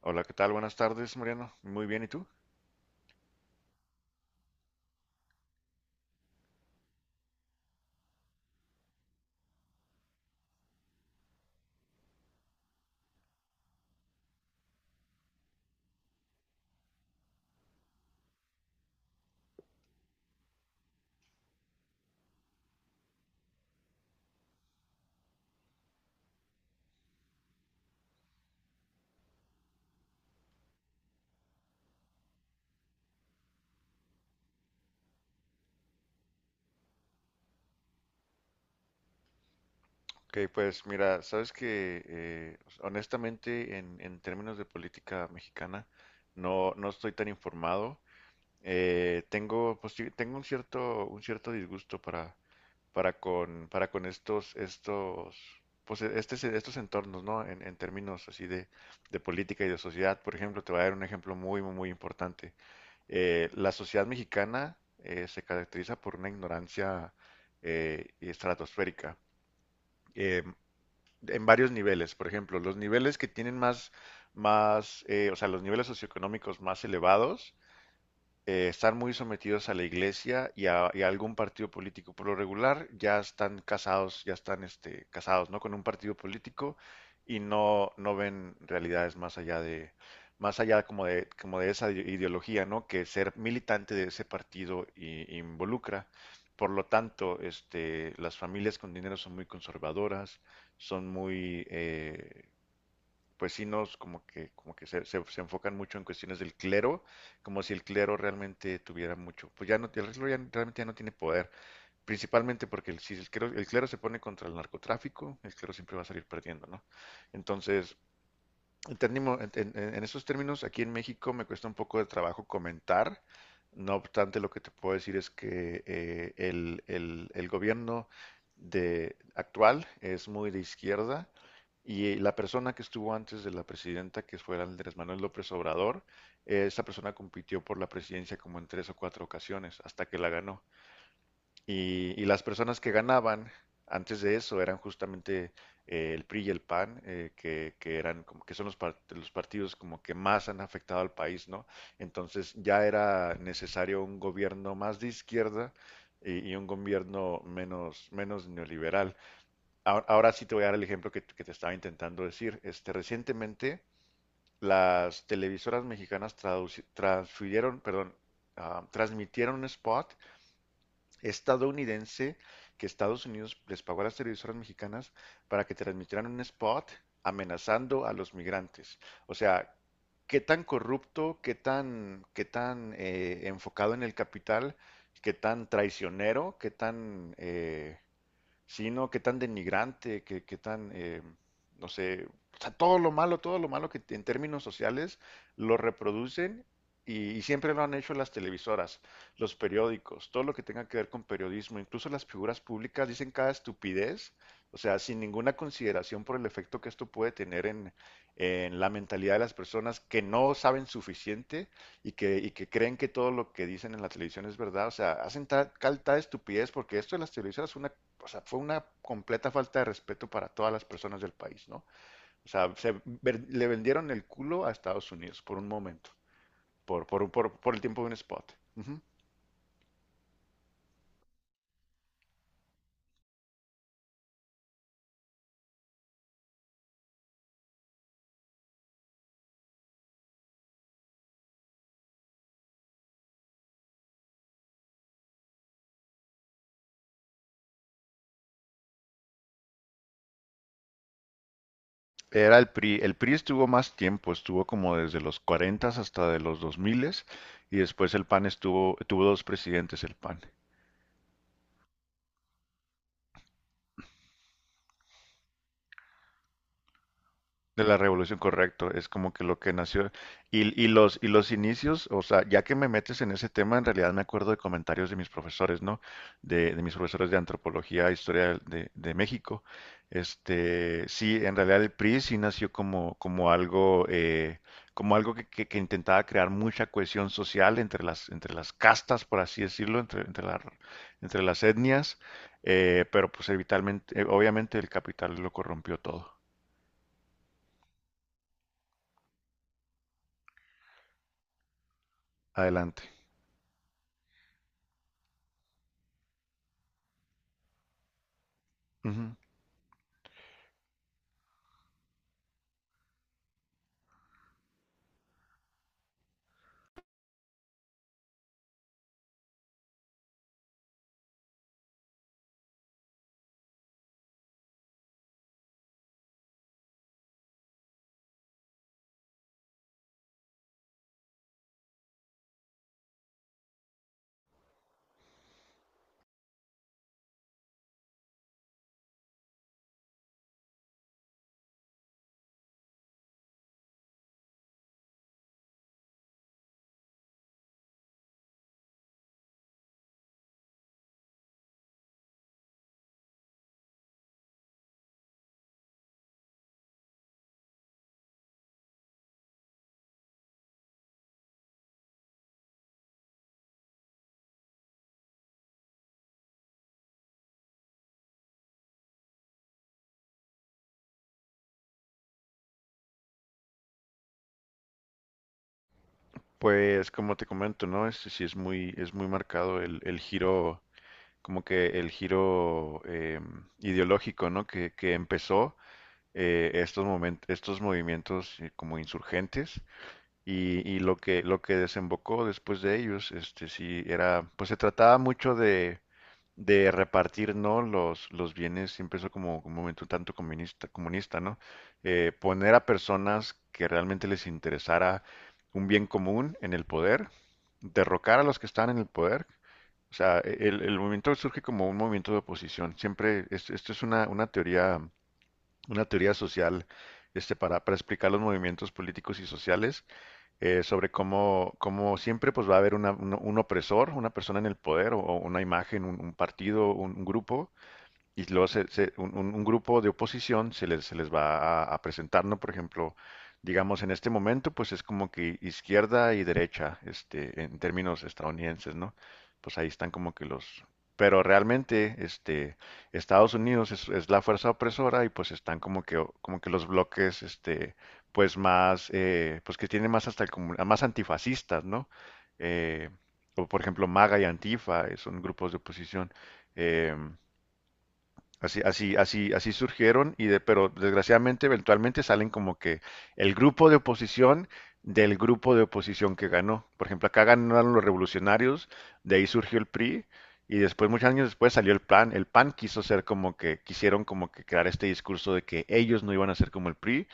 Hola, ¿qué tal? Buenas tardes, Mariano. Muy bien, ¿y tú? Ok, pues mira, sabes que honestamente en términos de política mexicana no estoy tan informado. Tengo, pues, sí, tengo un cierto disgusto para con estos entornos, ¿no? En términos así de política y de sociedad, por ejemplo, te voy a dar un ejemplo muy, muy, muy importante. La sociedad mexicana se caracteriza por una ignorancia estratosférica eh, en varios niveles. Por ejemplo, los niveles que tienen más, o sea, los niveles socioeconómicos más elevados están muy sometidos a la iglesia y a algún partido político. Por lo regular, ya están casados, casados, ¿no? Con un partido político y no ven realidades más allá de, más allá como de esa ideología, ¿no? Que ser militante de ese partido involucra. Por lo tanto, las familias con dinero son muy conservadoras, son muy, eh, pues sí nos como que se enfocan mucho en cuestiones del clero, como si el clero realmente tuviera mucho, pues ya no, el clero ya realmente ya no tiene poder, principalmente porque si el clero se pone contra el narcotráfico, el clero siempre va a salir perdiendo, ¿no? Entonces, en esos términos, aquí en México me cuesta un poco de trabajo comentar. No obstante, lo que te puedo decir es que el gobierno actual es muy de izquierda y la persona que estuvo antes de la presidenta, que fue Andrés Manuel López Obrador, esa persona compitió por la presidencia como en tres o cuatro ocasiones hasta que la ganó. Y las personas que ganaban antes de eso eran justamente el PRI y el PAN, que eran como que son los partidos como que más han afectado al país, ¿no? Entonces ya era necesario un gobierno más de izquierda y un gobierno menos neoliberal. Ahora, ahora sí te voy a dar el ejemplo que te estaba intentando decir. Recientemente las televisoras mexicanas perdón, transmitieron un spot estadounidense que Estados Unidos les pagó a las televisoras mexicanas para que transmitieran un spot amenazando a los migrantes. O sea, qué tan corrupto, qué tan enfocado en el capital, qué tan traicionero, qué tan sí, no, qué tan denigrante, qué tan, no sé, o sea, todo lo malo que en términos sociales lo reproducen y siempre lo han hecho las televisoras, los periódicos, todo lo que tenga que ver con periodismo, incluso las figuras públicas dicen cada estupidez, o sea, sin ninguna consideración por el efecto que esto puede tener en la mentalidad de las personas que no saben suficiente y que creen que todo lo que dicen en la televisión es verdad, o sea, hacen tal estupidez porque esto de las televisoras es una o sea, fue una completa falta de respeto para todas las personas del país, ¿no? O sea, le vendieron el culo a Estados Unidos por un momento, por el tiempo de un spot. Ujú. Era el PRI. El PRI estuvo más tiempo, estuvo como desde los 40 hasta de los 2000 y después el PAN tuvo dos presidentes el PAN. De la revolución, correcto, es como que lo que nació. Y los inicios, o sea, ya que me metes en ese tema, en realidad me acuerdo de comentarios de mis profesores, ¿no? De mis profesores de antropología e historia de México. Este, sí, en realidad el PRI sí nació como algo que intentaba crear mucha cohesión social entre las castas, por así decirlo, entre las etnias, pero pues obviamente el capital lo corrompió todo. Adelante. Ujú. Pues como te comento, ¿no? Este sí es muy marcado el giro, como que el giro ideológico, ¿no? Que empezó estos movimientos como insurgentes. Y lo que desembocó después de ellos, sí, pues se trataba mucho de repartir, ¿no? Los bienes, siempre eso como un movimiento tanto comunista, comunista, ¿no? Poner a personas que realmente les interesara un bien común en el poder, derrocar a los que están en el poder. O sea, el movimiento surge como un movimiento de oposición. Siempre, esto es una teoría social, para explicar los movimientos políticos y sociales sobre cómo siempre pues va a haber un opresor, una persona en el poder o una imagen, un partido, un grupo y luego un grupo de oposición se les va a presentar, ¿no? Por ejemplo, digamos en este momento, pues es como que izquierda y derecha, en términos estadounidenses, ¿no? Pues ahí están como que los. Pero realmente, Estados Unidos es la fuerza opresora y pues están como que los bloques, pues que tienen más hasta más antifascistas, ¿no? Eh, o por ejemplo, MAGA y Antifa son grupos de oposición. Em, así surgieron pero desgraciadamente eventualmente salen como que el grupo de oposición del grupo de oposición que ganó. Por ejemplo, acá ganaron los revolucionarios, de ahí surgió el PRI y después, muchos años después, salió el PAN. El PAN quiso ser como que, quisieron como que crear este discurso de que ellos no iban a ser como el PRI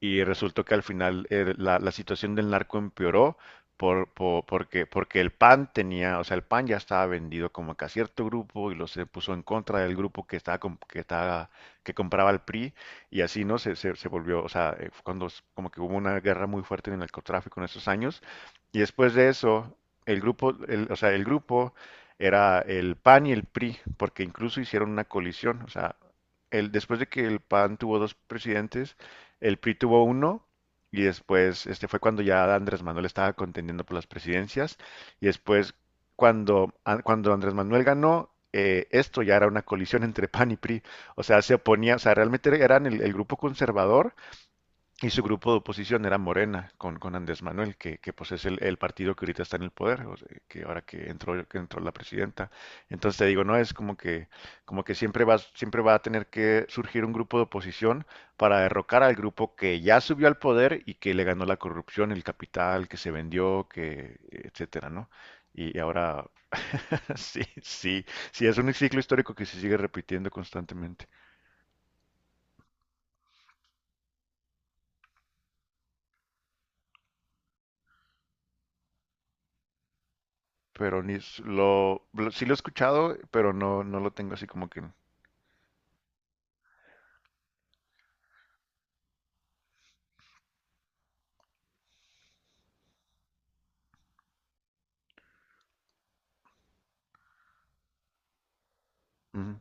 y resultó que al final la situación del narco empeoró porque el PAN tenía, o sea, el PAN ya estaba vendido como que a cierto grupo y lo se puso en contra del grupo que estaba, com- que estaba, que compraba el PRI y así, ¿no? Se volvió, o sea, fue cuando como que hubo una guerra muy fuerte en el narcotráfico en esos años y después de eso, o sea, el grupo era el PAN y el PRI porque incluso hicieron una colisión, o sea, después de que el PAN tuvo dos presidentes, el PRI tuvo uno y después fue cuando ya Andrés Manuel estaba contendiendo por las presidencias y después cuando Andrés Manuel ganó, esto ya era una colisión entre PAN y PRI. O sea, se oponía, o sea, realmente eran el grupo conservador y su grupo de oposición era Morena, con Andrés Manuel, que pues es el partido que ahorita está en el poder, o sea, que ahora que entró la presidenta. Entonces te digo, no es como que siempre va a tener que surgir un grupo de oposición para derrocar al grupo que ya subió al poder y que le ganó la corrupción, el capital, que se vendió, etcétera, ¿no? Y ahora sí, sí, sí, es un ciclo histórico que se sigue repitiendo constantemente. Pero ni s- lo- sí lo he escuchado, pero no lo tengo así como que. Ujú.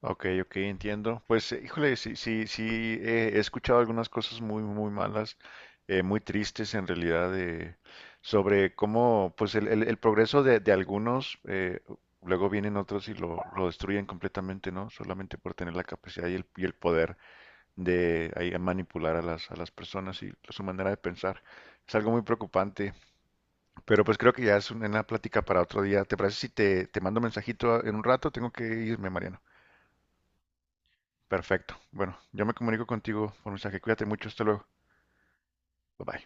Ok, ok, entiendo. Pues, híjole, sí, sí, sí, he escuchado algunas cosas muy, muy malas, muy tristes en realidad, sobre cómo, pues, el progreso de algunos, luego vienen otros y lo destruyen completamente, ¿no? Solamente por tener la capacidad y el poder de ahí, manipular a las personas y su manera de pensar. Es algo muy preocupante. Pero pues creo que ya es una plática para otro día. ¿Te parece si te mando un mensajito en un rato? Tengo que irme, Mariano. Perfecto. Bueno, yo me comunico contigo por mensaje. Cuídate mucho. Hasta luego. Bye bye.